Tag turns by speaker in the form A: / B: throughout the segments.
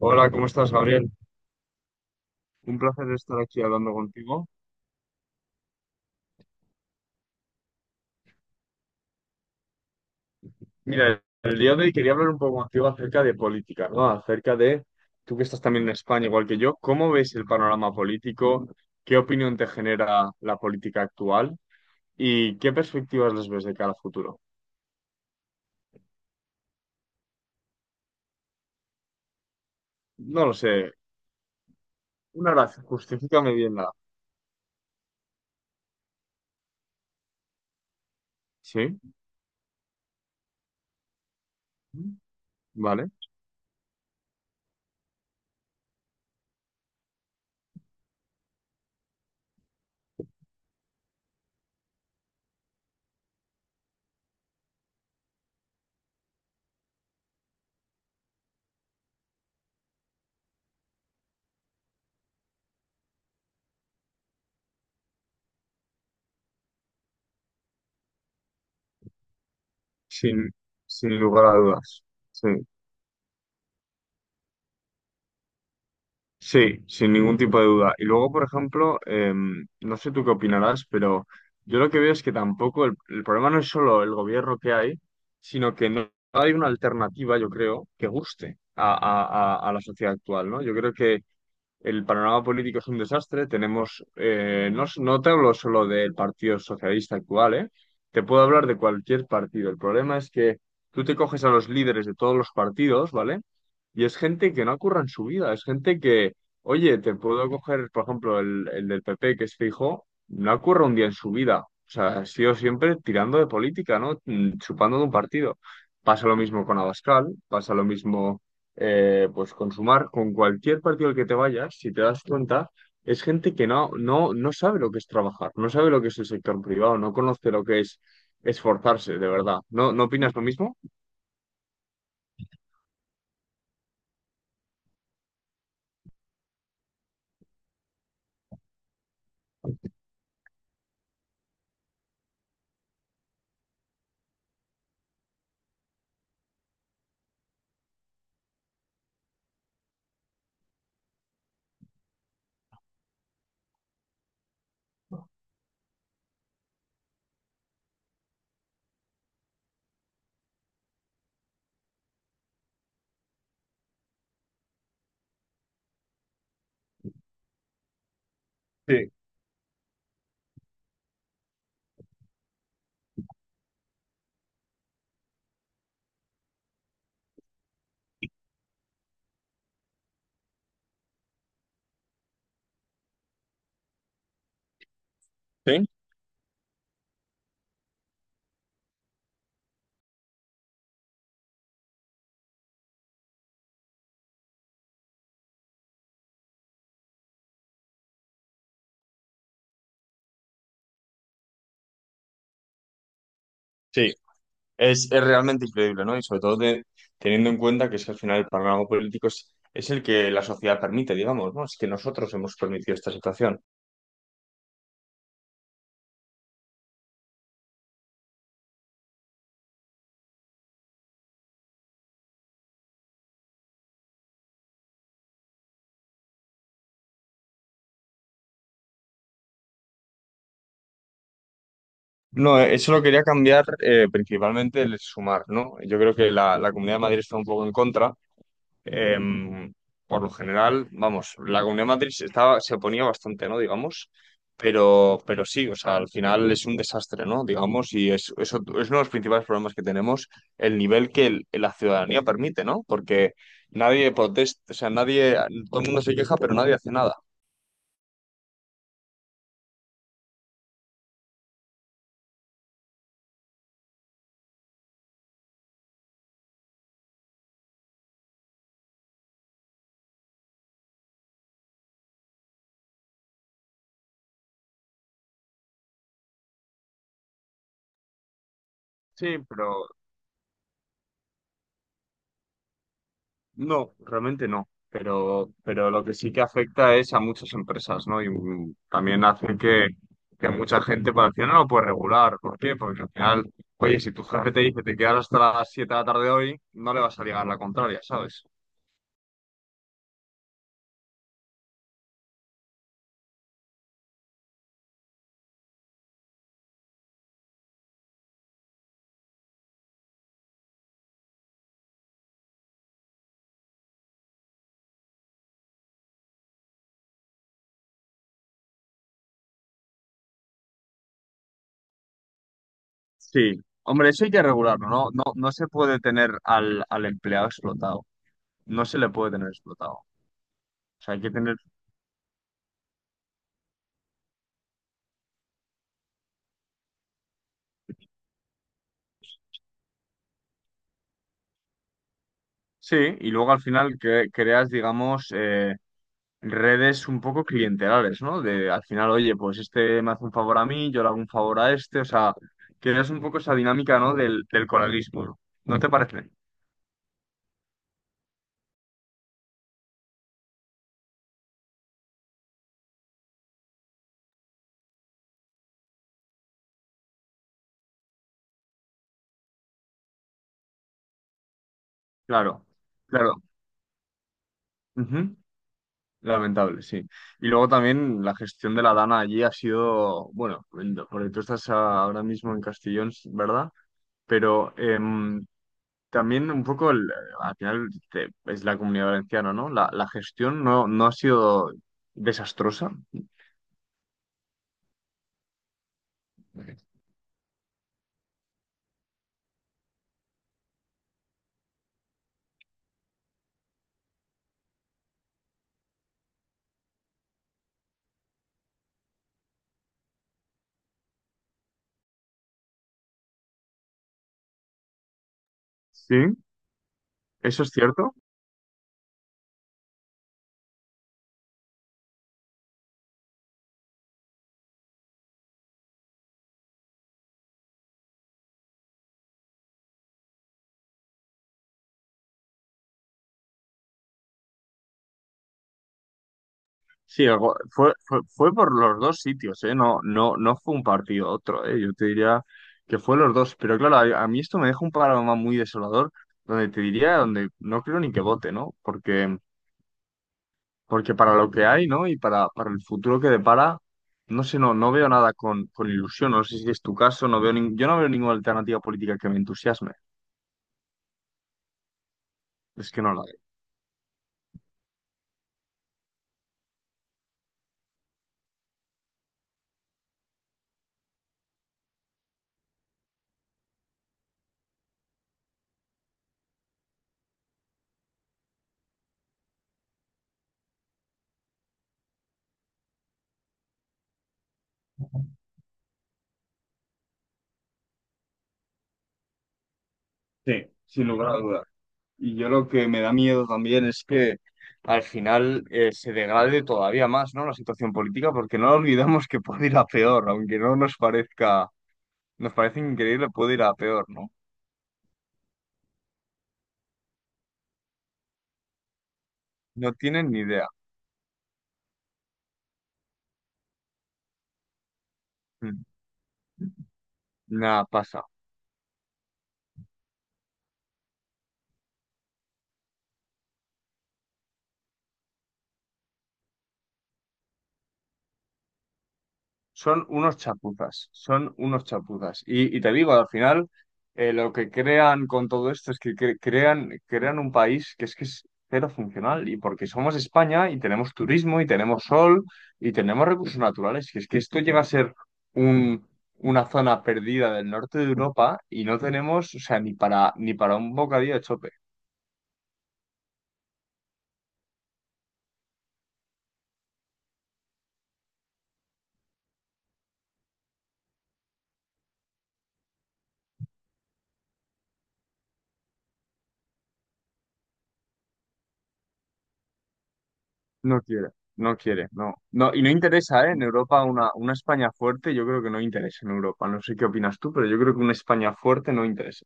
A: Hola, ¿cómo estás, Gabriel? Un placer estar aquí hablando contigo. Mira, el día de hoy quería hablar un poco contigo acerca de política, ¿no? Acerca de, tú que estás también en España, igual que yo, ¿cómo ves el panorama político? ¿Qué opinión te genera la política actual? ¿Y qué perspectivas les ves de cara al futuro? No lo sé. Una gracia, justifícame bien la... ¿Sí? ¿Vale? Sin, sin lugar a dudas. Sí. Sí, sin ningún tipo de duda. Y luego, por ejemplo, no sé tú qué opinarás, pero yo lo que veo es que tampoco el problema no es solo el gobierno que hay, sino que no hay una alternativa, yo creo, que guste a, a la sociedad actual, ¿no? Yo creo que el panorama político es un desastre. Tenemos, no, no te hablo solo del Partido Socialista actual, ¿eh? Te puedo hablar de cualquier partido. El problema es que tú te coges a los líderes de todos los partidos, ¿vale? Y es gente que no curra en su vida. Es gente que, oye, te puedo coger, por ejemplo, el del PP, que es fijo, no curra un día en su vida. O sea, ha sido siempre tirando de política, ¿no? Chupando de un partido. Pasa lo mismo con Abascal, pasa lo mismo pues consumar con cualquier partido al que te vayas, si te das cuenta, es gente que no sabe lo que es trabajar, no sabe lo que es el sector privado, no conoce lo que es esforzarse, de verdad. ¿No, no opinas lo mismo? Sí, sí, sí. Es realmente increíble, ¿no? Y sobre todo teniendo en cuenta que es que al final el panorama político es el que la sociedad permite, digamos, ¿no? Es que nosotros hemos permitido esta situación. No, eso lo quería cambiar principalmente el sumar, ¿no? Yo creo que la Comunidad de Madrid está un poco en contra. Eh, por lo general, vamos, la Comunidad de Madrid se estaba, se oponía bastante, ¿no? Digamos, pero sí, o sea, al final es un desastre, ¿no? Digamos, y es, eso es uno de los principales problemas que tenemos, el nivel que la ciudadanía permite, ¿no? Porque nadie protesta, o sea, nadie, todo el mundo se queja, pero nadie hace nada. Sí, pero no, realmente no. Pero lo que sí que afecta es a muchas empresas, ¿no? Y también hace que mucha gente para el final no lo puede regular. ¿Por qué? Porque al final, oye, si tu jefe te dice te quedas hasta las 7 de la tarde hoy, no le vas a ligar la contraria, ¿sabes? Sí. Hombre, eso hay que regularlo, ¿no? No, no se puede tener al, al empleado explotado. No se le puede tener explotado. O sea, hay que tener... Sí, y luego al final que creas, digamos, redes un poco clientelares, ¿no? De al final, oye, pues este me hace un favor a mí, yo le hago un favor a este, o sea, creas un poco esa dinámica, ¿no? Del coleguismo, ¿no? ¿No te parece? Claro, claro. Ujú. Lamentable, sí. Y luego también la gestión de la Dana allí ha sido, bueno, porque tú estás ahora mismo en Castellón, ¿verdad? Pero también un poco, al final es la comunidad valenciana, ¿no? La gestión no, no ha sido desastrosa. Sí. Eso es cierto. Sí, fue, fue, fue por los dos sitios, ¿eh? No, no, no fue un partido otro, ¿eh? Yo te diría que fue los dos. Pero claro, a mí esto me deja un panorama muy desolador, donde te diría, donde no creo ni que vote, ¿no? Porque, porque para lo que hay, ¿no? Y para el futuro que depara, no sé, no, no veo nada con, con ilusión. No sé si es tu caso, no veo yo no veo ninguna alternativa política que me entusiasme. Es que no la veo. Sí, sin lugar a dudas. Y yo lo que me da miedo también es que al final se degrade todavía más, ¿no? La situación política, porque no olvidamos que puede ir a peor, aunque no nos parezca, nos parece increíble, puede ir a peor, ¿no? No tienen ni idea. Mm. Nada, pasa. Son unos chapuzas, son unos chapuzas. Y te digo, al final, lo que crean con todo esto es que crean, crean un país que es cero funcional. Y porque somos España y tenemos turismo y tenemos sol y tenemos recursos naturales, que es que esto llega a ser un, una zona perdida del norte de Europa y no tenemos, o sea, ni para, ni para un bocadillo de chope. No quiere, no quiere, no. No, y no interesa, ¿eh? En Europa una España fuerte, yo creo que no interesa en Europa. No sé qué opinas tú, pero yo creo que una España fuerte no interesa.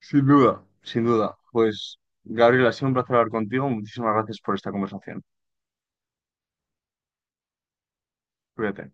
A: Sin duda, sin duda. Pues, Gabriel, ha sido un placer hablar contigo. Muchísimas gracias por esta conversación. Cuídate.